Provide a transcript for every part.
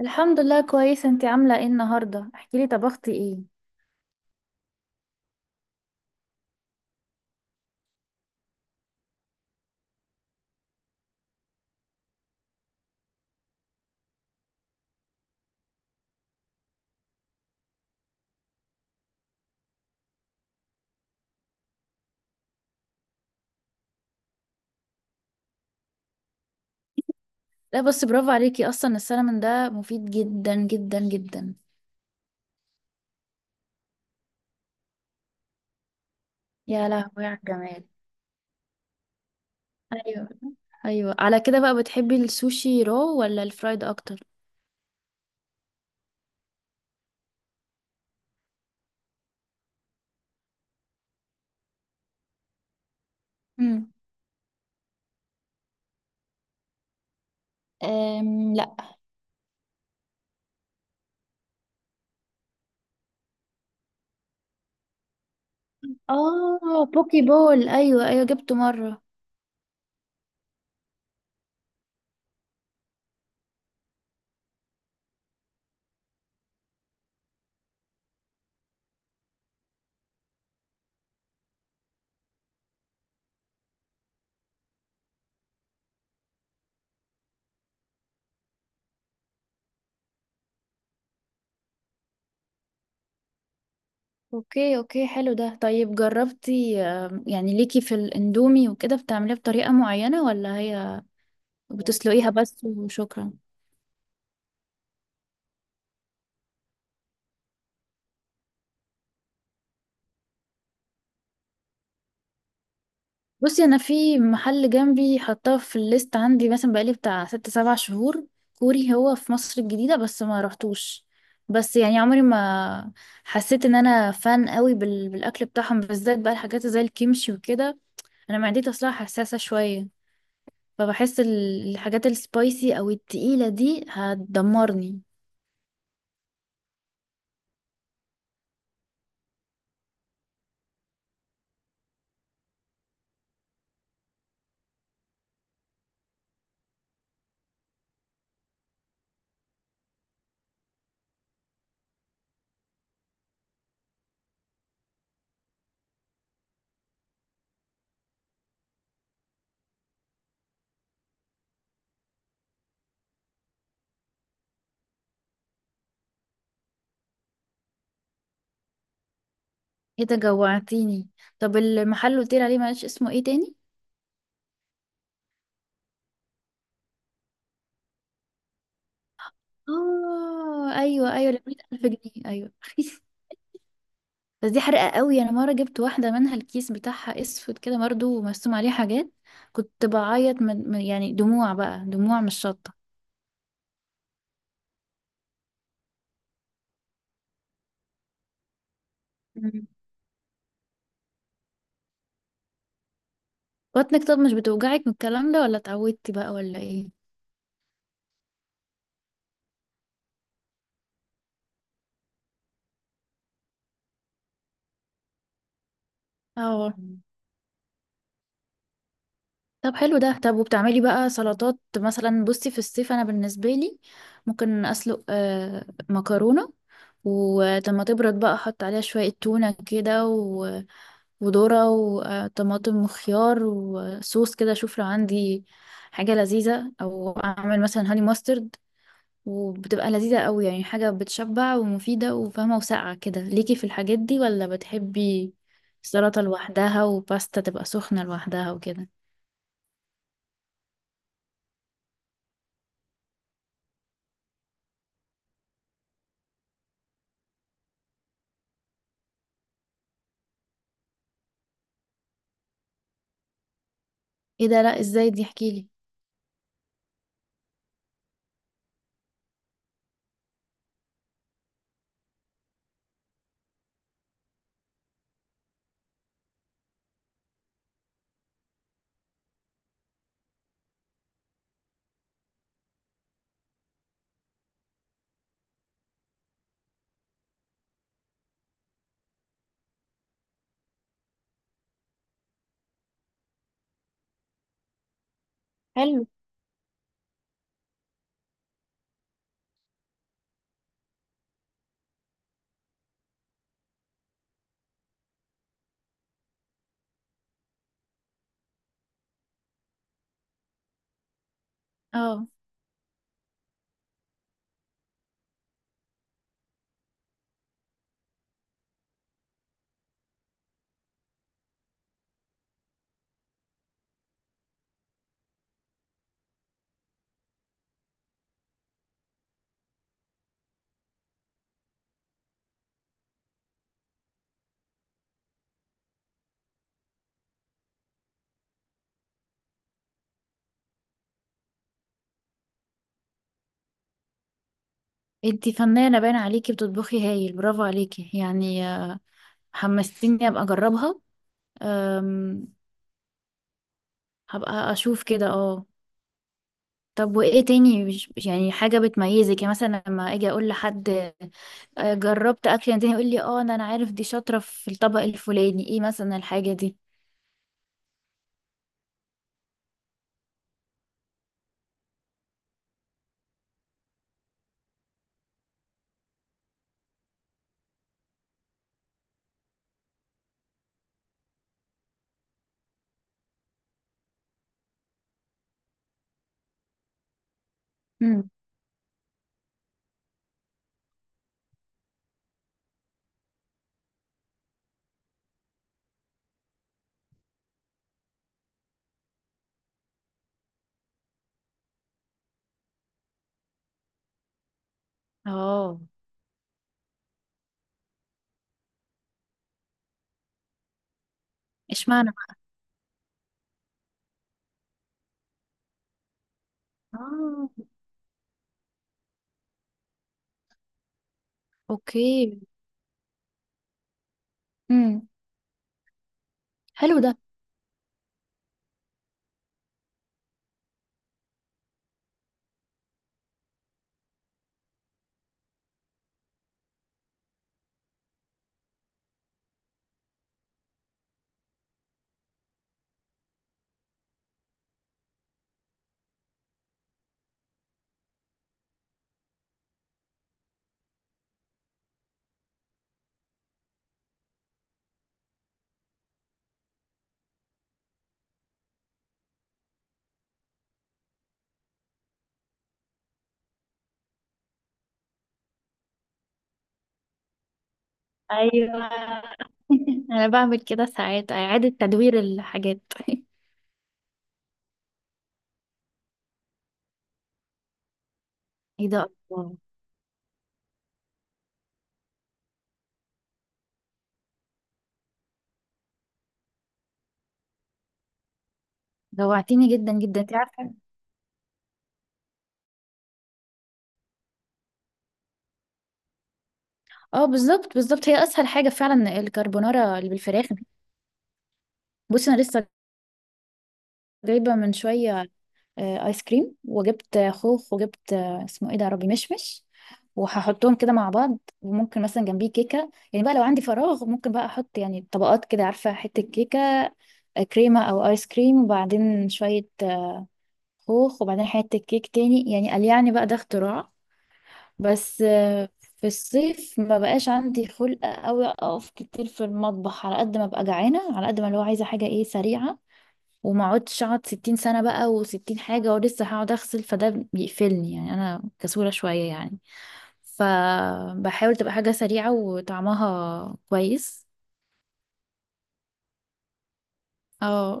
الحمد لله كويسة. انتي عاملة ايه النهاردة؟ احكيلي طبختي ايه؟ لا بس برافو عليكي، اصلا السلمون ده مفيد جدا جدا جدا. يا لهوي على الجمال. ايوه ايوه، على كده بقى بتحبي السوشي رو ولا الفرايد اكتر؟ امم. لا. اه، بوكي بول، ايوه ايوه جبته مرة. اوكي اوكي، حلو ده. طيب جربتي، يعني ليكي في الاندومي وكده بتعمليه بطريقة معينة، ولا هي بتسلقيها بس وشكرا؟ بصي، انا في محل جنبي حطاه في الليست عندي مثلا بقالي بتاع ست سبع شهور، كوري، هو في مصر الجديدة بس ما رحتوش. بس يعني عمري ما حسيت ان انا فان قوي بالاكل بتاعهم، بالذات بقى الحاجات زي الكيمشي وكده. انا معدتي اصلا حساسة شوية، فبحس الحاجات السبايسي او التقيلة دي هتدمرني. ايه ده جوعتيني. طب المحل اللي قلت عليه معلش اسمه ايه تاني؟ اه ايوه ايوه، 100,000 جنيه، ايوه بس دي حرقة قوي، انا مرة جبت واحدة منها، الكيس بتاعها اسود كده برضه ومرسوم عليه حاجات، كنت بعيط يعني دموع بقى، دموع مش شطة. مم. بطنك طب مش بتوجعك من الكلام ده ولا اتعودتي بقى ولا ايه؟ اه. طب حلو ده. طب وبتعملي بقى سلطات مثلا؟ بصي في الصيف انا بالنسبه لي ممكن اسلق مكرونه، ولما تبرد بقى احط عليها شويه تونه كده وذرة وطماطم وخيار وصوص كده، اشوف لو عندي حاجة لذيذة، او اعمل مثلا هاني ماسترد، وبتبقى لذيذة قوي يعني، حاجة بتشبع ومفيدة وفاهمة وساقعة. كده ليكي في الحاجات دي، ولا بتحبي سلطة لوحدها وباستا تبقى سخنة لوحدها وكده؟ ايه ده، لا ازاي دي؟ احكيلي. حلو، اه. انتي فنانة باين عليكي، بتطبخي هايل، برافو عليكي يعني. حمستيني ابقى اجربها. أم، هبقى اشوف كده، اه. طب وايه تاني، مش يعني حاجة بتميزك؟ يعني مثلا لما اجي اقول لحد، جربت اكل يعني، تاني يقول لي اه انا عارف دي شاطرة في الطبق الفلاني، ايه مثلا الحاجة دي؟ امم. اه. اشمعنى بقى؟ اه. اوكي. امم. حلو ده. ايوه انا بعمل كده ساعات، اعادة تدوير الحاجات ايه ده، الله. جوعتيني جدا جدا انت عارفة. اه بالظبط بالظبط، هي اسهل حاجة فعلا الكربونارا اللي بالفراخ. بصي انا لسه جايبة من شوية ايس كريم، وجبت خوخ، وجبت، اسمه ايه ده يا ربي، مشمش. وهحطهم كده مع بعض، وممكن مثلا جنبيه كيكه، يعني بقى لو عندي فراغ ممكن بقى احط يعني طبقات كده، عارفه، حته كيكه، كريمه او ايس كريم، وبعدين شويه خوخ، وبعدين حته كيك تاني، يعني قال يعني بقى ده اختراع. بس في الصيف ما بقاش عندي خلق قوي اقف كتير في المطبخ، على قد ما ببقى جعانه، على قد ما اللي هو عايزه حاجه ايه، سريعه، وما اقعدش اقعد 60 سنة بقى و60 حاجة ولسه هقعد اغسل، فده بيقفلني، يعني انا كسولة شوية يعني، فبحاول تبقى حاجة سريعة وطعمها كويس. اه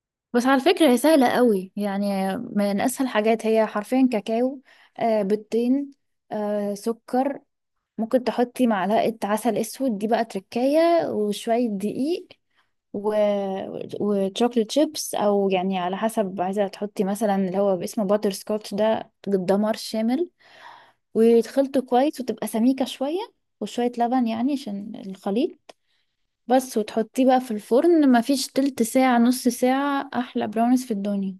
بس على فكرة هي سهلة قوي يعني، من اسهل حاجات، هي حرفيا كاكاو، بيضتين، سكر، ممكن تحطي معلقة عسل اسود دي بقى تركاية، وشوية دقيق، و... وتشوكلت شيبس، او يعني على حسب عايزه تحطي، مثلا اللي هو باسمه باتر سكوتش ده دمار شامل، وتخلطه كويس وتبقى سميكه شويه، وشويه لبن يعني عشان الخليط، بس، وتحطيه بقى في الفرن ما فيش تلت ساعه نص ساعه، احلى براونيز في الدنيا.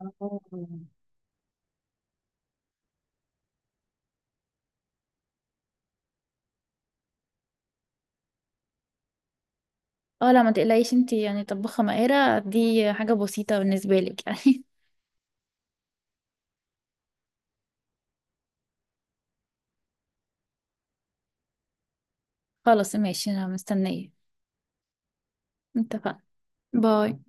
آه. اه لا ما تقلقيش انتي يعني طباخه ماهره، دي حاجه بسيطه بالنسبه لك يعني. خلاص ماشي انا مستنيه. اتفقنا. باي.